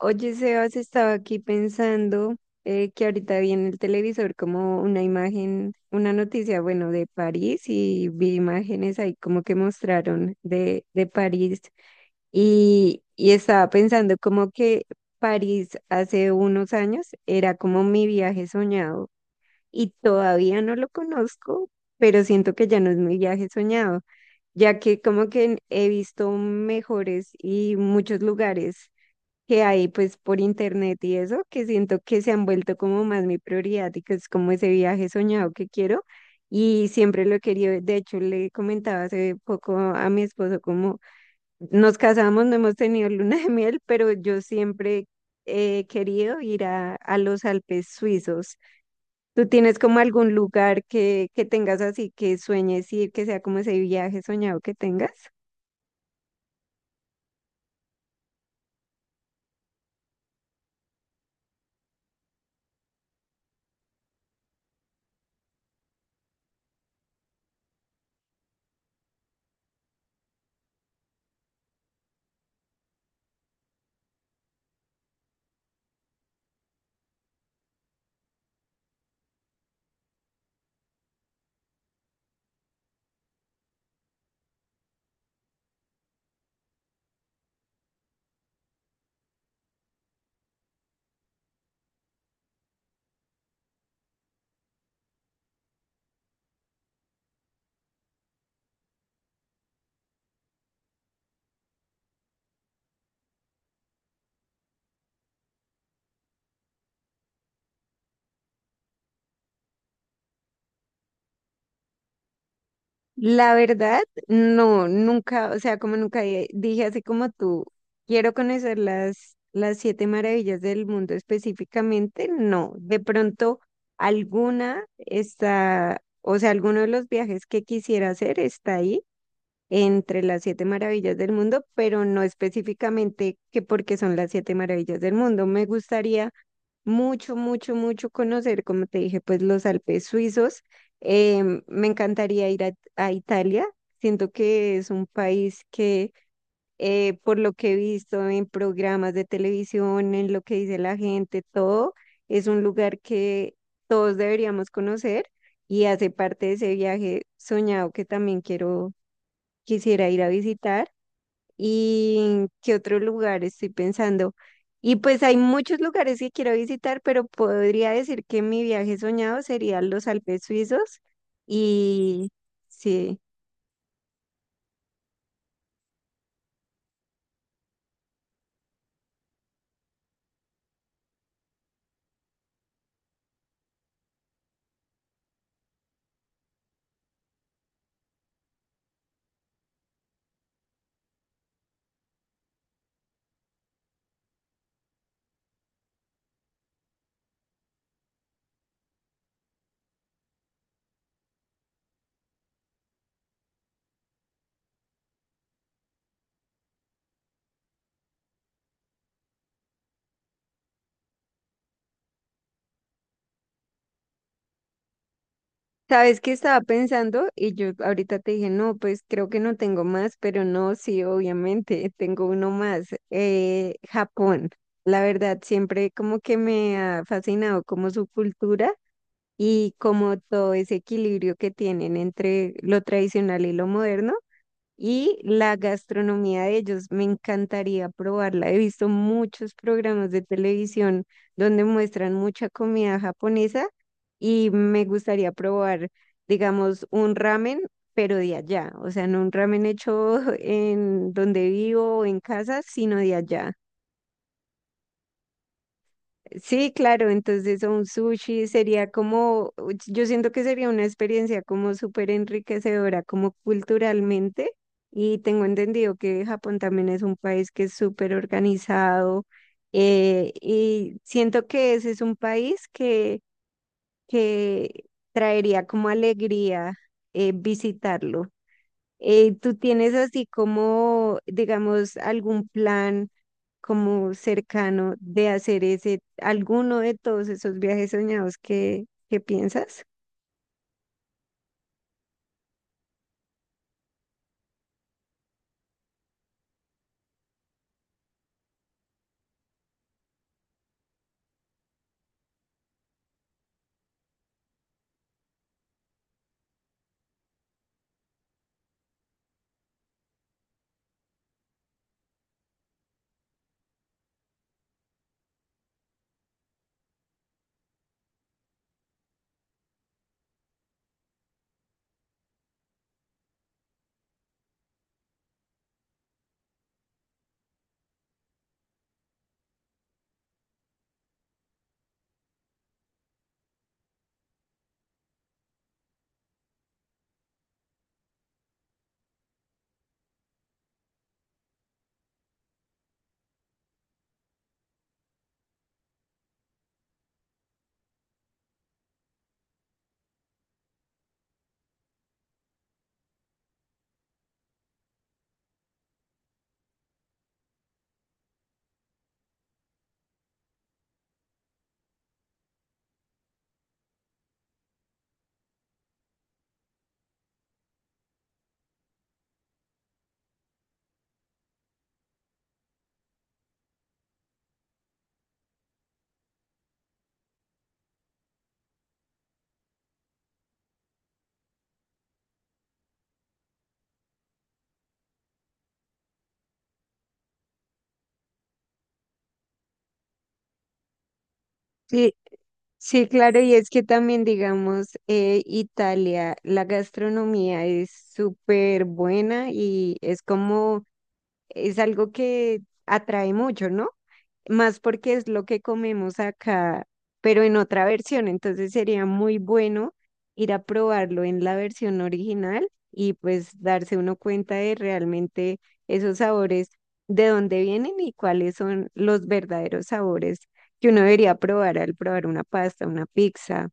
Oye, Sebas, estaba aquí pensando, que ahorita vi en el televisor como una imagen, una noticia, bueno, de París, y vi imágenes ahí como que mostraron de París. Y, y estaba pensando como que París hace unos años era como mi viaje soñado y todavía no lo conozco, pero siento que ya no es mi viaje soñado, ya que como que he visto mejores y muchos lugares que hay pues por internet y eso, que siento que se han vuelto como más mi prioridad y que es como ese viaje soñado que quiero y siempre lo he querido. De hecho, le comentaba hace poco a mi esposo como nos casamos, no hemos tenido luna de miel, pero yo siempre he querido ir a los Alpes suizos. ¿Tú tienes como algún lugar que tengas así que sueñes ir, que sea como ese viaje soñado que tengas? La verdad, no, nunca, o sea, como nunca dije así como tú, quiero conocer las siete maravillas del mundo específicamente, no, de pronto alguna está, o sea, alguno de los viajes que quisiera hacer está ahí entre las siete maravillas del mundo, pero no específicamente que porque son las siete maravillas del mundo. Me gustaría mucho, mucho, mucho conocer, como te dije, pues los Alpes suizos. Me encantaría ir a Italia. Siento que es un país que, por lo que he visto en programas de televisión, en lo que dice la gente, todo, es un lugar que todos deberíamos conocer y hace parte de ese viaje soñado que también quiero, quisiera ir a visitar. Y qué otro lugar estoy pensando. Y pues hay muchos lugares que quiero visitar, pero podría decir que mi viaje soñado sería los Alpes suizos. Y sí, ¿sabes qué estaba pensando? Y yo ahorita te dije, no, pues creo que no tengo más, pero no, sí, obviamente, tengo uno más, Japón. La verdad, siempre como que me ha fascinado como su cultura y como todo ese equilibrio que tienen entre lo tradicional y lo moderno. Y la gastronomía de ellos, me encantaría probarla. He visto muchos programas de televisión donde muestran mucha comida japonesa y me gustaría probar, digamos, un ramen, pero de allá. O sea, no un ramen hecho en donde vivo o en casa, sino de allá. Sí, claro, entonces un sushi sería como, yo siento que sería una experiencia como súper enriquecedora, como culturalmente, y tengo entendido que Japón también es un país que es súper organizado, y siento que ese es un país que traería como alegría visitarlo. ¿Tú tienes así como, digamos, algún plan, como cercano de hacer ese, alguno de todos esos viajes soñados que piensas? Sí, sí, claro, y es que también, digamos, Italia, la gastronomía es súper buena y es como, es algo que atrae mucho, ¿no? Más porque es lo que comemos acá, pero en otra versión. Entonces sería muy bueno ir a probarlo en la versión original y pues darse uno cuenta de realmente esos sabores, de dónde vienen y cuáles son los verdaderos sabores que uno debería probar al probar una pasta, una pizza,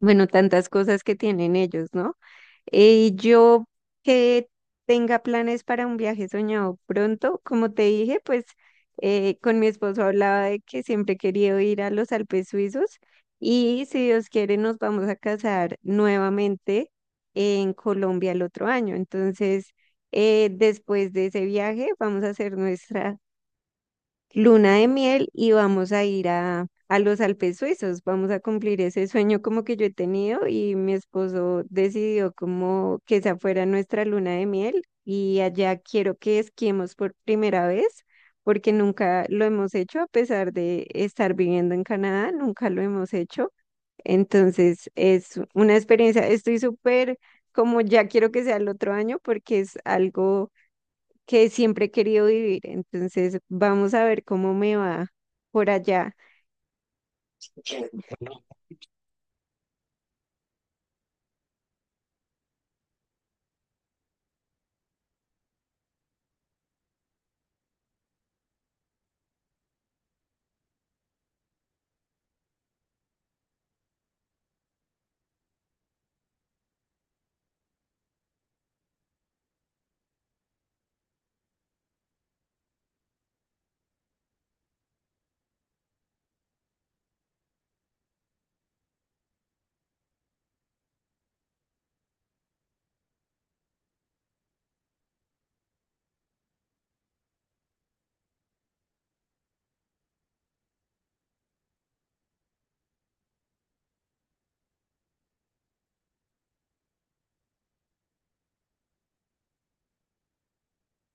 bueno, tantas cosas que tienen ellos, ¿no? Yo que tenga planes para un viaje soñado pronto, como te dije, pues con mi esposo hablaba de que siempre he querido ir a los Alpes suizos, y si Dios quiere nos vamos a casar nuevamente en Colombia el otro año. Entonces, después de ese viaje vamos a hacer nuestra luna de miel y vamos a ir a los Alpes suizos, vamos a cumplir ese sueño como que yo he tenido y mi esposo decidió como que esa fuera nuestra luna de miel y allá quiero que esquiemos por primera vez, porque nunca lo hemos hecho a pesar de estar viviendo en Canadá, nunca lo hemos hecho. Entonces es una experiencia, estoy súper como ya quiero que sea el otro año porque es algo que siempre he querido vivir. Entonces, vamos a ver cómo me va por allá.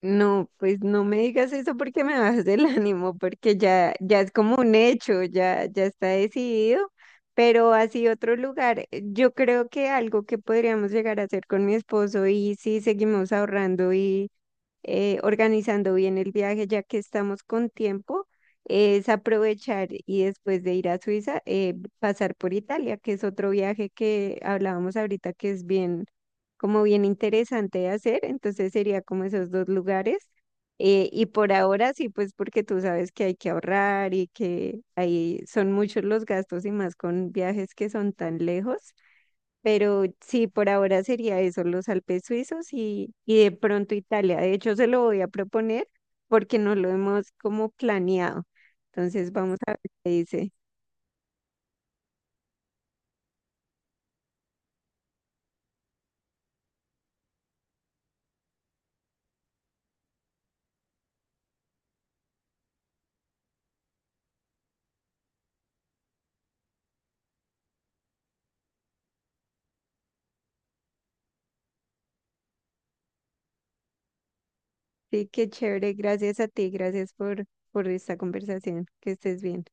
No, pues no me digas eso porque me bajas del ánimo, porque ya, ya es como un hecho, ya, ya está decidido. Pero así otro lugar, yo creo que algo que podríamos llegar a hacer con mi esposo y si seguimos ahorrando y organizando bien el viaje, ya que estamos con tiempo, es aprovechar y después de ir a Suiza, pasar por Italia, que es otro viaje que hablábamos ahorita que es bien, como bien interesante de hacer. Entonces sería como esos dos lugares. Y por ahora sí, pues porque tú sabes que hay que ahorrar y que ahí son muchos los gastos y más con viajes que son tan lejos. Pero sí, por ahora sería eso, los Alpes suizos y de pronto Italia. De hecho, se lo voy a proponer porque no lo hemos como planeado. Entonces, vamos a ver qué dice. Sí, qué chévere. Gracias a ti, gracias por esta conversación. Que estés bien.